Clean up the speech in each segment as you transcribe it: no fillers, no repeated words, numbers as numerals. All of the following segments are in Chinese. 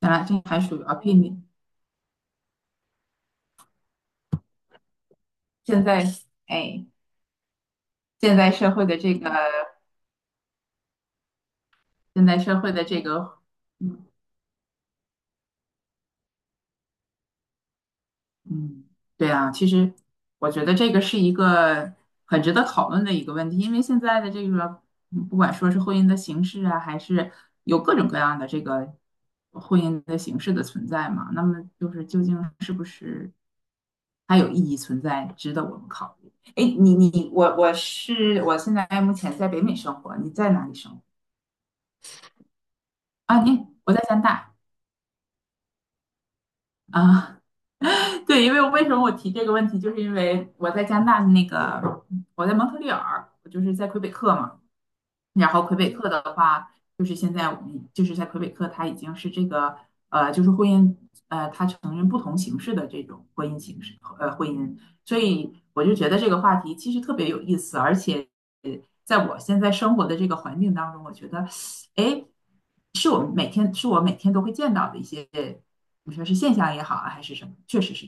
咱俩这还属于 opinion。避免现在，哎，现在社会的这个，现在社会的这个，嗯，对啊，其实我觉得这个是一个很值得讨论的一个问题，因为现在的这个，不管说是婚姻的形式啊，还是有各种各样的这个婚姻的形式的存在嘛，那么就是究竟是不是还有意义存在，值得我们考虑？哎，你我是我现在目前在北美生活，你在哪里生活？啊，我在加拿大啊，对，因为为什么我提这个问题，就是因为我在加拿大的那个，我在蒙特利尔，我就是在魁北克嘛，然后魁北克的话，就是现在我们就是在魁北克，它已经是这个就是婚姻它承认不同形式的这种婚姻，所以我就觉得这个话题其实特别有意思，而且在我现在生活的这个环境当中，我觉得，哎，是我们每天是我每天都会见到的一些，你说是现象也好啊，还是什么，确实是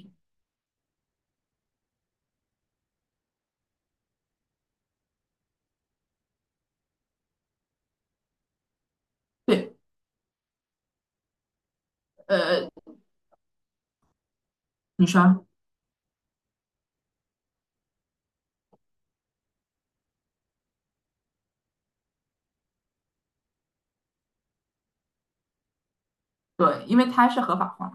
对，呃，你说对，因为它是合法化。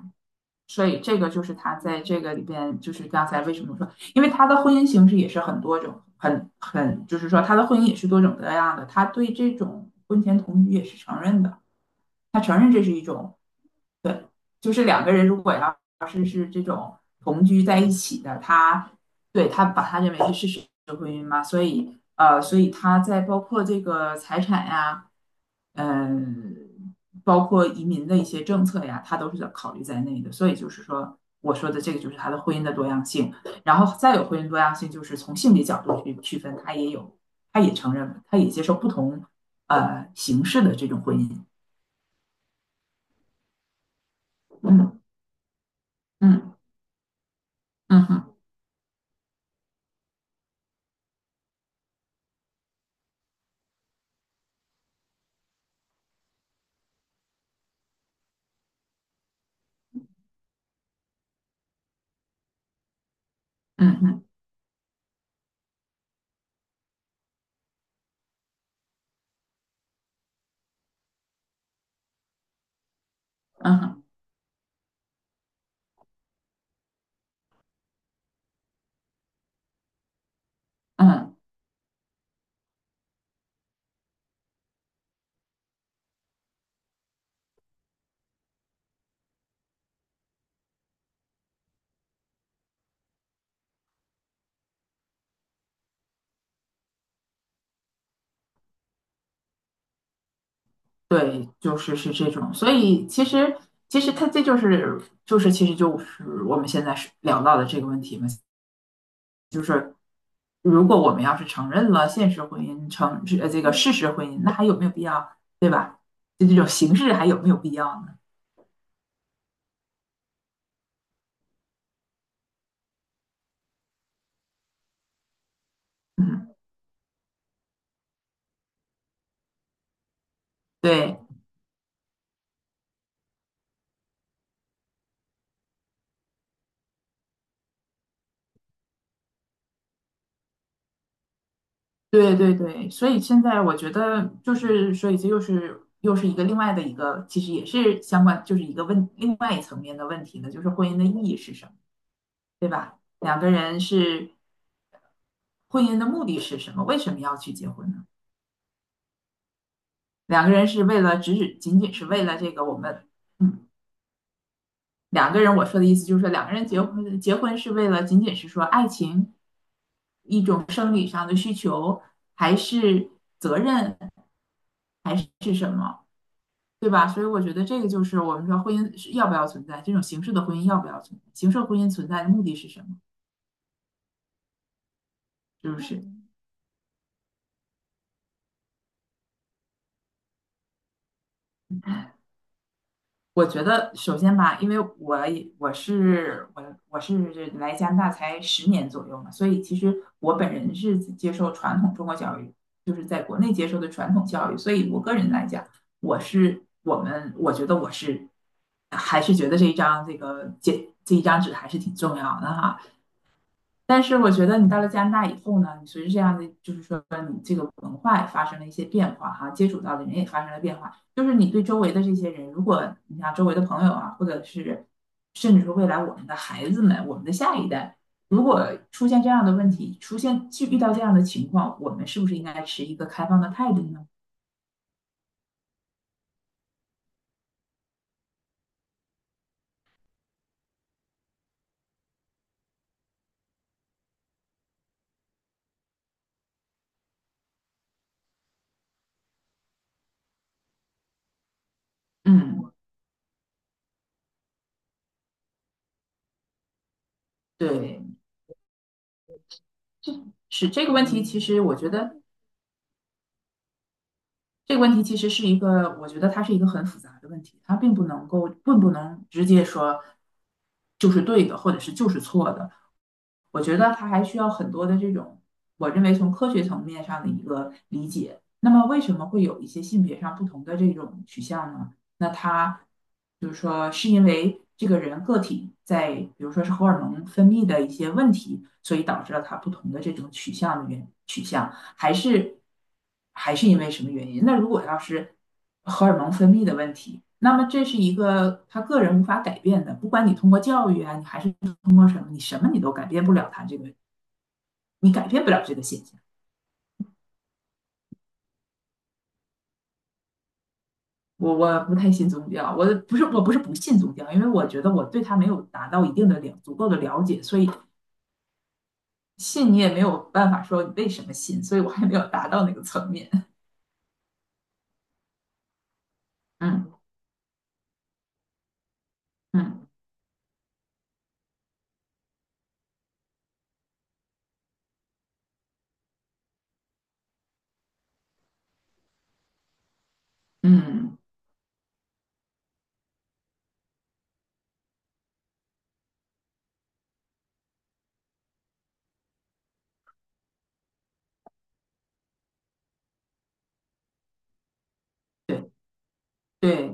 所以这个就是他在这个里边，就是刚才为什么说，因为他的婚姻形式也是很多种，就是说他的婚姻也是多种多样的，他对这种婚前同居也是承认的，他承认这是一种，对，就是两个人如果要同居在一起的，他把他认为是事实的婚姻嘛，所以所以他在包括这个财产呀、啊嗯，包括移民的一些政策呀，他都是考虑在内的。所以就是说，我说的这个就是他的婚姻的多样性，然后再有婚姻多样性，就是从性别角度去区分，他也有，他也承认，他也接受不同形式的这种婚姻。嗯嗯嗯哼嗯哼嗯哼嗯，对，就是是这种。所以其实其实他这就是就是其实就是我们现在是聊到的这个问题嘛。就是如果我们要是承认了现实婚姻，这个事实婚姻，那还有没有必要，对吧？就这种形式还有没有必要呢？嗯，对对对对，所以现在我觉得就是，所以这又是一个另外的一个，其实也是相关，就是一个问另外一层面的问题呢，就是婚姻的意义是什么，对吧？两个人是婚姻的目的是什么？为什么要去结婚呢？两个人是为了仅仅是为了这个我们。嗯两个人，我说的意思就是说，两个人结婚，结婚是为了仅仅是说爱情，一种生理上的需求，还是责任，还是什么，对吧？所以我觉得这个就是我们说婚姻是要不要存在，这种形式的婚姻要不要存在，形式婚姻存在的目的是什么？是不是？我觉得首先吧，因为我也我是我我是来加拿大才10年左右嘛，所以其实我本人是接受传统中国教育，就是在国内接受的传统教育，所以我个人来讲，我还是觉得这一张纸还是挺重要的哈，但是我觉得你到了加拿大以后呢，你随着这样的，就是说你这个文化也发生了一些变化哈，接触到的人也发生了变化，就是你对周围的这些人，如果你像周围的朋友啊，或者是甚至说未来我们的孩子们，我们的下一代，如果出现这样的问题，出现去遇到这样的情况，我们是不是应该持一个开放的态度呢？嗯，对，是这个问题，其实我觉得。这个问题其实是一个，我觉得它是一个很复杂的问题，它并不能够，并不能直接说就是对的，或者是就是错的。我觉得它还需要很多的这种，我认为从科学层面上的一个理解。那么为什么会有一些性别上不同的这种取向呢？那它就是说，是因为这个人个体在，比如说是荷尔蒙分泌的一些问题，所以导致了他不同的这种取向的原取向。还是还是因为什么原因？那如果要是荷尔蒙分泌的问题，那么这是一个他个人无法改变的，不管你通过教育啊，你还是通过什么，你什么你都改变不了他这个，你改变不了这个现象。我不太信宗教，我不是不信宗教，因为我觉得我对他没有达到一定的了足够的了解，所以信你也没有办法说你为什么信，所以我还没有达到那个层面。嗯嗯嗯，对对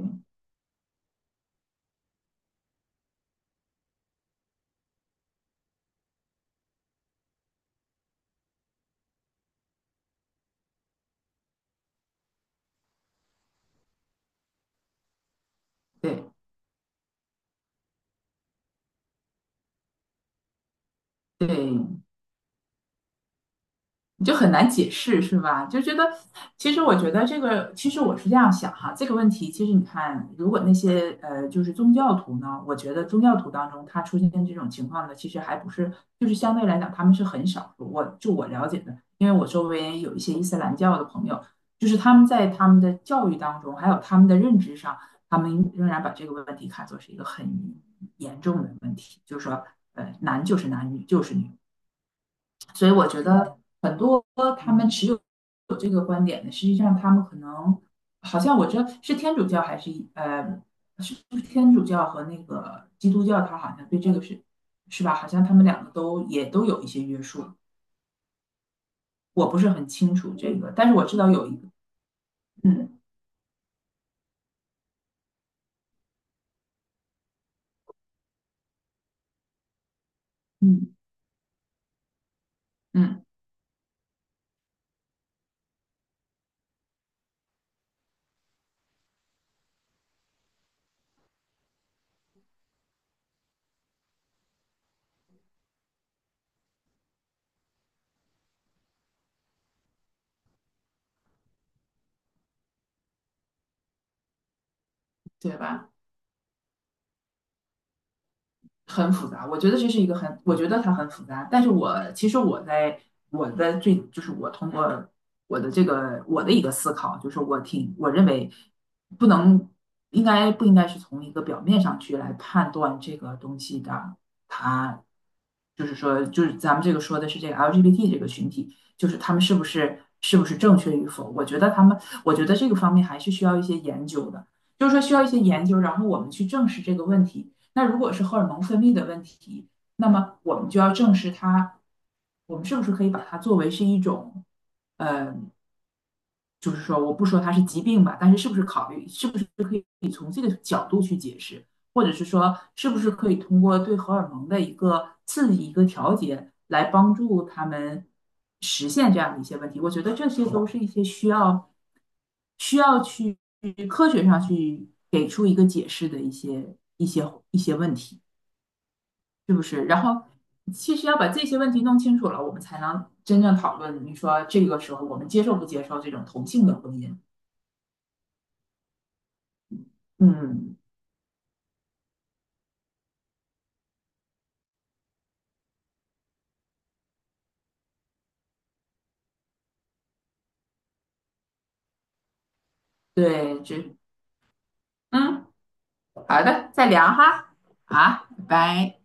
对对，你就很难解释，是吧？就觉得，其实我觉得这个，其实我是这样想哈，这个问题，其实你看，如果那些就是宗教徒呢，我觉得宗教徒当中，他出现这种情况的，其实还不是，就是相对来讲，他们是很少数。我了解的，因为我周围有一些伊斯兰教的朋友，就是他们在他们的教育当中，还有他们的认知上，他们仍然把这个问题看作是一个很严重的问题，就是说，男就是男，女就是女，所以我觉得很多他们有这个观点的，实际上他们可能好像我这是天主教还是呃是不是天主教和那个基督教，他好像对这个是是吧？好像他们两个都也都有一些约束，我不是很清楚这个，但是我知道有一个，嗯嗯嗯，对吧？很复杂，我觉得这是一个很，我觉得它很复杂。但是我其实我在我的最就是我通过我的这个我的一个思考，就是我认为不能应该不应该是从一个表面上去来判断这个东西的它。就是说，就是咱们这个说的是这个 LGBT 这个群体，就是他们是不是正确与否？我觉得他们，我觉得这个方面还是需要一些研究的，就是说需要一些研究，然后我们去证实这个问题。那如果是荷尔蒙分泌的问题，那么我们就要证实它，我们是不是可以把它作为是一种，呃就是说我不说它是疾病吧，但是是不是考虑是不是可以从这个角度去解释，或者是说是不是可以通过对荷尔蒙的一个刺激、一个调节来帮助他们实现这样的一些问题？我觉得这些都是一些需要需要去科学上去给出一个解释的一些一些问题，是不是？然后。其实要把这些问题弄清楚了，我们才能真正讨论。你说这个时候我们接受不接受这种同性的婚姻？嗯，对，这，嗯，好的，再聊哈，好，拜拜。